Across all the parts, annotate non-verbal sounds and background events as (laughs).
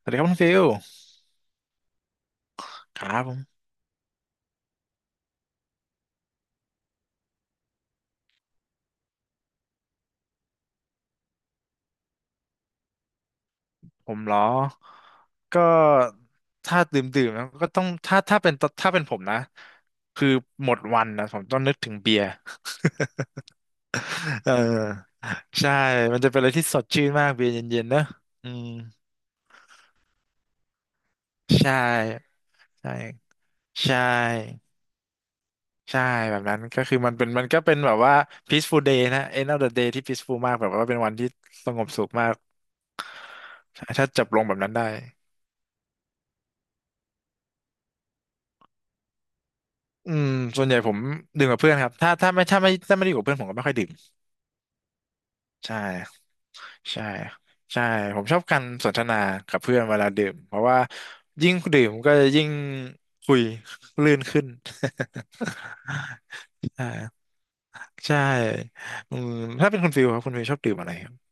สวัสดีครับคุณฟิลครับผมผมเหรอก็ถ้าดื่มแล้วก็ต้องถ้าเป็นถ้าเป็นผมนะคือหมดวันนะผมต้องนึกถึงเบียร์ (laughs) เออใช่มันจะเป็นอะไรที่สดชื่นมากเบียร์เย็นๆเนอะอืมใช่ใช่ใช่ใช่แบบนั้นก็คือมันก็เป็นแบบว่า peaceful day นะ end of the day ที่ peaceful มากแบบว่าเป็นวันที่สงบสุขมากถ้าจับลงแบบนั้นได้อืมส่วนใหญ่ผมดื่มกับเพื่อนครับถ้าไม่ได้อยู่กับเพื่อนผมก็ไม่ค่อยดื่ม ใช่ใช่ใช่ผมชอบการสนทนากับเพื่อนเวลาดื่มเพราะว่ายิ่งดื่มก็จะยิ่งคุยลื่นขึ้น (laughs) ใช่ใช่อืมถ้าเป็นคุณฟิลครับคุณฟิลชอบดื่มอะไรครับ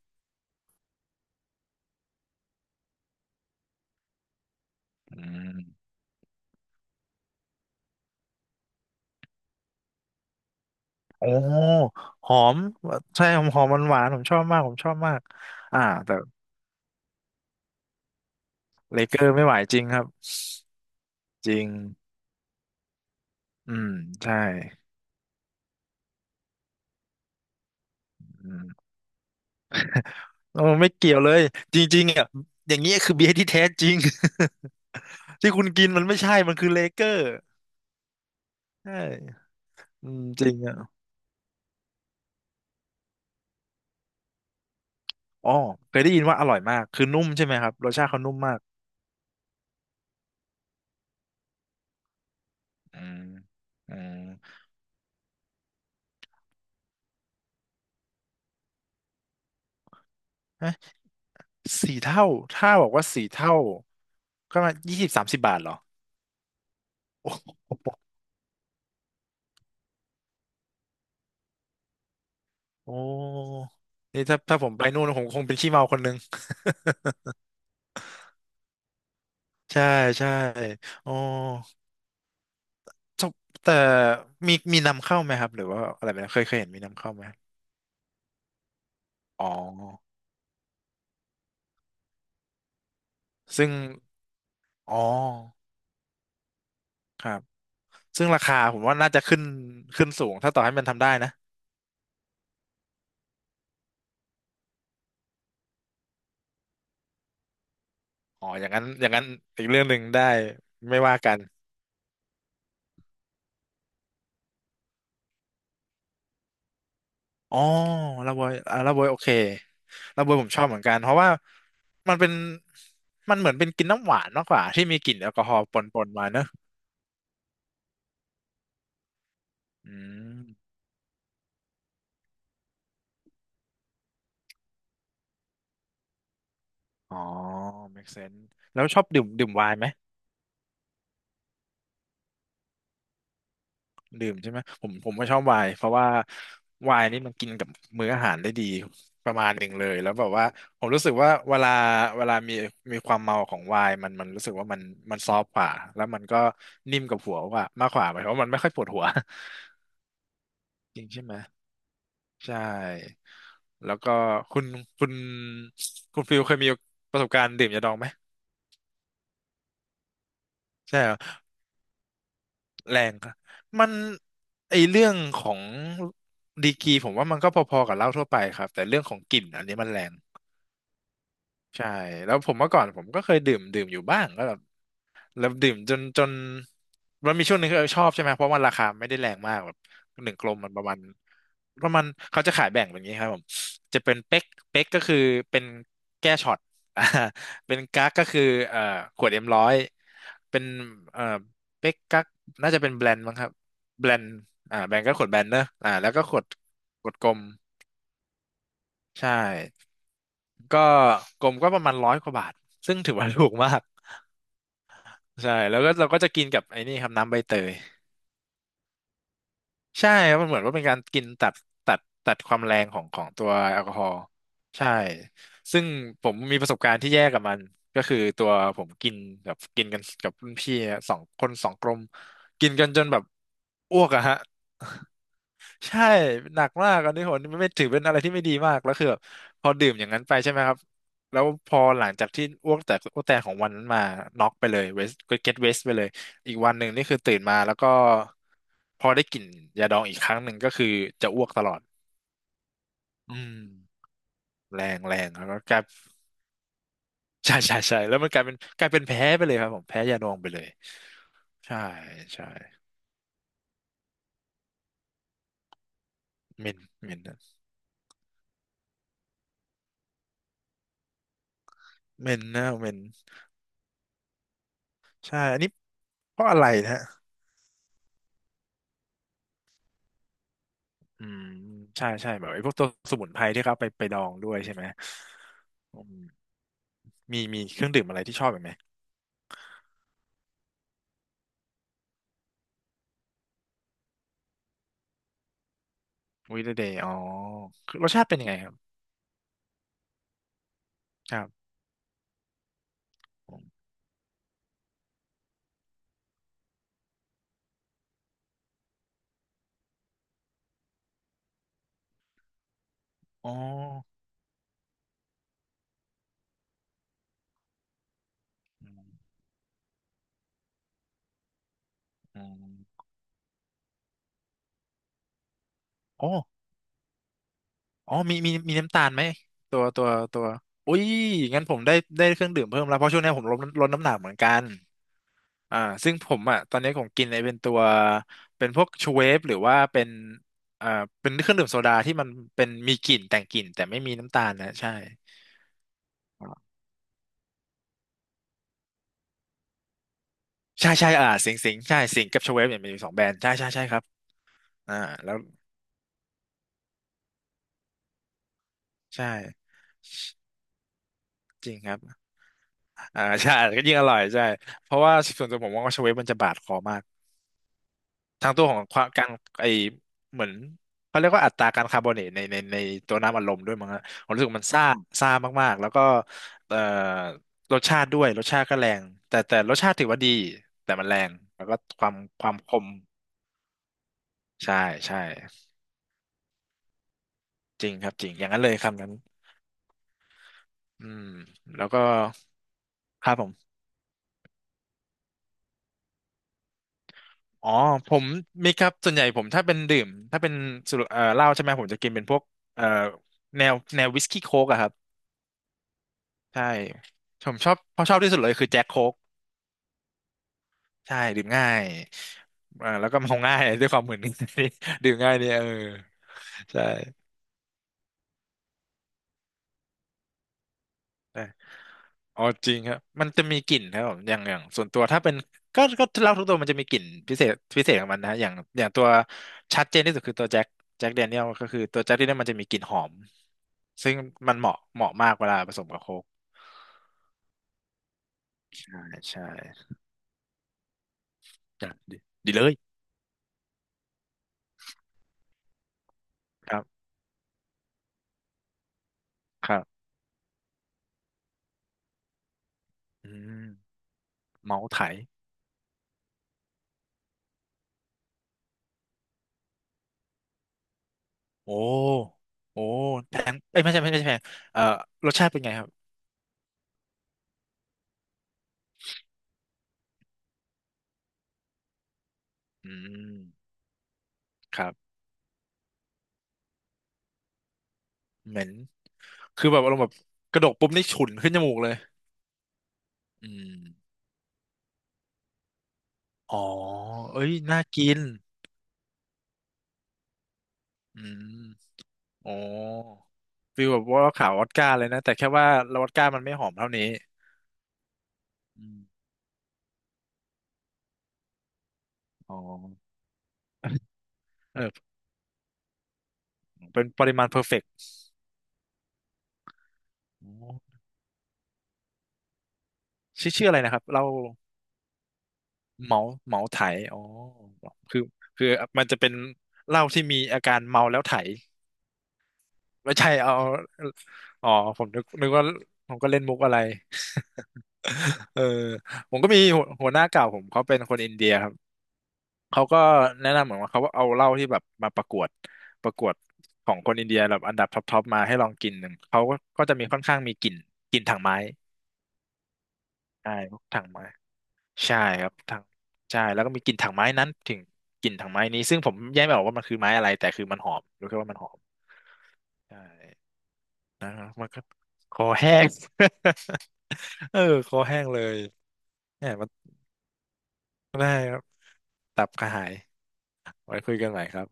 อืมโอ้หอมใช่หอมหอมหวานๆผมชอบมากผมชอบมากอ่าแต่เลเกอร์ไม่ไหวจริงครับจริงอืมใช่อืมโอ้ไม่เกี่ยวเลยจริงๆอ่ะอย่างนี้ยคือเบียร์ที่แท้จริง ที่คุณกินมันไม่ใช่ มันคือเลเกอร์ใช่อืมจริงอ่ะอ๋อเคยได้ยินว่าอร่อยมากคือนุ่มใช่ไหมครับรสชาติเขานุ่มมากอืมอืมเอ๊ะสี่เท่าถ้าบอกว่าสี่เท่าก็มายี่สิบสามสิบบาทเหรอโอ้นี่ถ้าผมไปนู่นผมคงเป็นขี้เมาคนนึงใช่ใช่อ๋อจบแต่มีนำเข้าไหมครับหรือว่าอะไรไหมเคยเห็นมีนำเข้าไหมอ๋อซึ่งอ๋อครับ ซึ่งราคาผมว่าน่าจะขึ้นขึ้นสูงถ้าต่อให้มันทำได้นะอ๋ออย่างนั้นอย่างนั้นอีกเรื่องหนึ่งได้ไม่ว่ากันอ๋อลาบวยลาบวยโอเคลาบอยผมชอบเหมือนกันเพราะว่ามันเป็นมันเหมือนเป็นกินน้ำหวานมากกว่าที่มีกลิ่นแอลกอฮอล์ปนๆมาเนอะอืมอ๋อ make sense แล้วชอบดื่มไวน์ไหม ดื่มใช่ไหมผมก็ชอบไวน์เพราะว่าไวน์นี่มันกินกับมื้ออาหารได้ดีประมาณหนึ่งเลยแล้วแบบว่าผมรู้สึกว่าเวลามีมีความเมาของไวน์มันรู้สึกว่ามันมันซอฟต์กว่าแล้วมันก็นิ่มกับหัวกว่ามากกว่าหมายความว่ามันไม่ค่อยปวดหัว (laughs) จริงใช่ไหมใช่แล้วก็คุณคุณคุณฟิลเคยมีประสบการณ์ดื่มยาดองไหมใช่เหรอ แรงค่ะมันไอเรื่องของดีกรีผมว่ามันก็พอๆกับเหล้าทั่วไปครับแต่เรื่องของกลิ่นอันนี้มันแรงใช่แล้วผมเมื่อก่อนผมก็เคยดื่มอยู่บ้างก็แบบ แล้วดื่มจนมันมีช่วงหนึงที่ชอบใช่ไหมเพราะมันราคาไม่ได้แรงมากแบบหนึ่งกลมมันประมาณเขาจะขายแบ่งแบบนี้ครับผมจะเป็นเป๊กเป๊กก็คือเป็นแก้ช็อต (laughs) อ่าเป็นกั๊กก็คือเอ่อขวดเอ็มร้อยเป็นเอ่อเป๊กกั๊กน่าจะเป็นแบรนด์มั้งครับแบรนด์แบรนด์ก็ขวดแบรนด์เนอะแล้วก็ขวดกลมใช่ก็กลมก็ประมาณร้อยกว่าบาทซึ่งถือว่าถูกมากใช่แล้วก็เราก็จะกินกับไอ้นี่ครับน้ำใบเตย ใช่ครับมันเหมือนว่าเป็นการกินตัดตัดความแรงของของตัวแอลกอฮอล์ใช่ซึ่งผมมีประสบการณ์ที่แย่กับมันก็คือตัวผมกินแบบกินกันกับรุ่นพี่สองคนสองกลมกินกันจนแบบอ้วกอะฮะ ใช่หนักมากอันนี้ผมไม่ไม่ถือเป็นอะไรที่ไม่ดีมากแล้วคือแบบพอดื่มอย่างนั้นไปใช่ไหมครับแล้วพอหลังจากที่อ้วกแตกของวันนั้นมาน็อกไปเลยเวสก็เก็ตเวสไปเลยอีกวันหนึ่งนี่คือตื่นมาแล้วก็พอได้กลิ่นยาดองอีกครั้งหนึ่งก็คือจะอ้วกตลอดอืมแรงแรงแล้วก็กลายใช่ใช่ใช่แล้วมันกลายเป็นแพ้ไปเลยครับผมแพ้ยาดองไปเลยใช่ใช่เหม็นเมนนะเหม็นนะเมนใช่อันนี้เพราะอะไรนะ อืมใช่ใช่แบบไอ้พวกตัวสมุนไพรที่เขาเอาไปดองด้วยใช่ไหมอืมมีเครื่องดื่มอะไรที่ชอบอีกไหมวิเดเดย์อ๋อคือรสชาติเป็นยังไงครับครับผมอ๋ออืมอืมอ๋ออ๋อมีน้ำตาลไหมตัวตัวตัวอุ้ยงั้นผมได้ได้เครื่องดื่มเพิ่มแล้วเพราะช่วงนี้ผมลดลดน้ำหนักเหมือนกัน อ่าซึ่งผมอ่ะตอนนี้ผมกินไอ้เป็นตัว เป็นพวกชูเวฟหรือว่าเป็นอ่าเป็นเครื่องดื่มโซดาที่มันเป็นมีกลิ่นแต่งกลิ่นแต่ไม่มีน้ำตาลนะ ใช่ ใช่ใช่สิงใช่สิงกับชเวฟเนี่ยมีสองแบรนด์ ใช่ใช่ใช่ครับอ่าแล้วใช่ จริงครับ ใช่ (laughs) ก็ยิ่งอร่อยใช่ เพราะว่าส่วนตัวผมมองว่าชเวฟมันจะบาดคอมาก ทางตัวของความการไอเหมือนเขาเรียกว่าอัตราการคาร์บอเนตในตัวน้ำอัดลมด้วยมั้งฮะผมรู้สึกมันซ่าซ่ามากๆแล้วก็เอ่อรสชาติด้วยรสชาติก็แรงแต่รสชาติถือว่าดีแต่มันแรงแล้วก็ความคมใช่ใช่จริงครับจริงอย่างนั้นเลยคำนั้นอืมแล้วก็ครับผมอ๋อผมมีครับส่วนใหญ่ผมถ้าเป็นดื่มถ้าเป็นสุรเหล้าใช่ไหมผมจะกินเป็นพวกเอ่อแนววิสกี้โค้กอะครับ ใช่ผมชอบเพราะชอบที่สุดเลยคือแจ็คโค้กใช่ดื่มง่ายแล้วก็เมาง่า (laughs) ยด้วยความเหมอนนี่ (laughs) ดื่มง่ายเนี่ยเออใช่ใช่อ๋อจริงครับมันจะมีกลิ่นครับผมอย่างส่วนตัวถ้าเป็นก็เหล้าทุกตัวมันจะมีกลิ่นพิเศษพิเศษของมันนะอย่างอย่างตัวชัดเจนที่สุดคือตัวแจ็คแจ็คแดเนียลก็คือตัวแจ็คแดเนียลมันจะมีกลิ่นหอมซึ่งมันเหมาะเหมาะมากเวลาผสมกับโค้กใช่ใช่จ้ะดีดีเลยครับครับอืมเมาส์ไถ โอ้ โอ้แพงเอ้ยไม่ใช่ไม่ใช่แพงเอ่อรสชาติเป็นไงครับอืมครับเหม็นคือแบบอารมณ์แบบกระดกปุ๊บนี่ฉุนขึ้นจมูกเลยอืมอ๋อ เอ้ยน่ากินอืมอ๋อฟีลแบบว่าขาววอดก้าเลยนะแต่แค่ว่าเราวอดก้ามันไม่หอมเท่านี้อืมอ๋อเออเป็นปริมาณเพอร์เฟกต์อ๋อชื่ออะไรนะครับเราเหมาเหมาไถอ๋อคือคือมันจะเป็นเหล้าที่มีอาการเมาแล้วไถ ไม่ใช่เอาอ๋อผมนึกว่าผมก็เล่นมุกอะไร (laughs) เออผมก็มีหัวหน้าเก่าผมเขาเป็นคนอินเดียครับเขาก็แนะนำเหมือนว่าเขาเอาเหล้าที่แบบมาประกวดประกวดของคนอินเดียแบบอันดับท็อปทอปมาให้ลองกินหนึ่งเขาก็จะมีค่อนข้างมีกลิ่นกลิ่นถังไม้ใช่พวกถังไม้ใช่ครับถังใช่แล้วก็มีกลิ่นถังไม้นั้นถึงกลิ่นถังไม้นี้ซึ่งผมแยกไม่ออกว่ามันคือไม้อะไรแต่คือมันหอมรู้แค่ว่ามันหอมใช่ นะับมันก็คอแห้ง (laughs) เออคอแห้งเลยเนี่ยมันได้ครับตับกระหายไว้คุยกันใหม่ครับ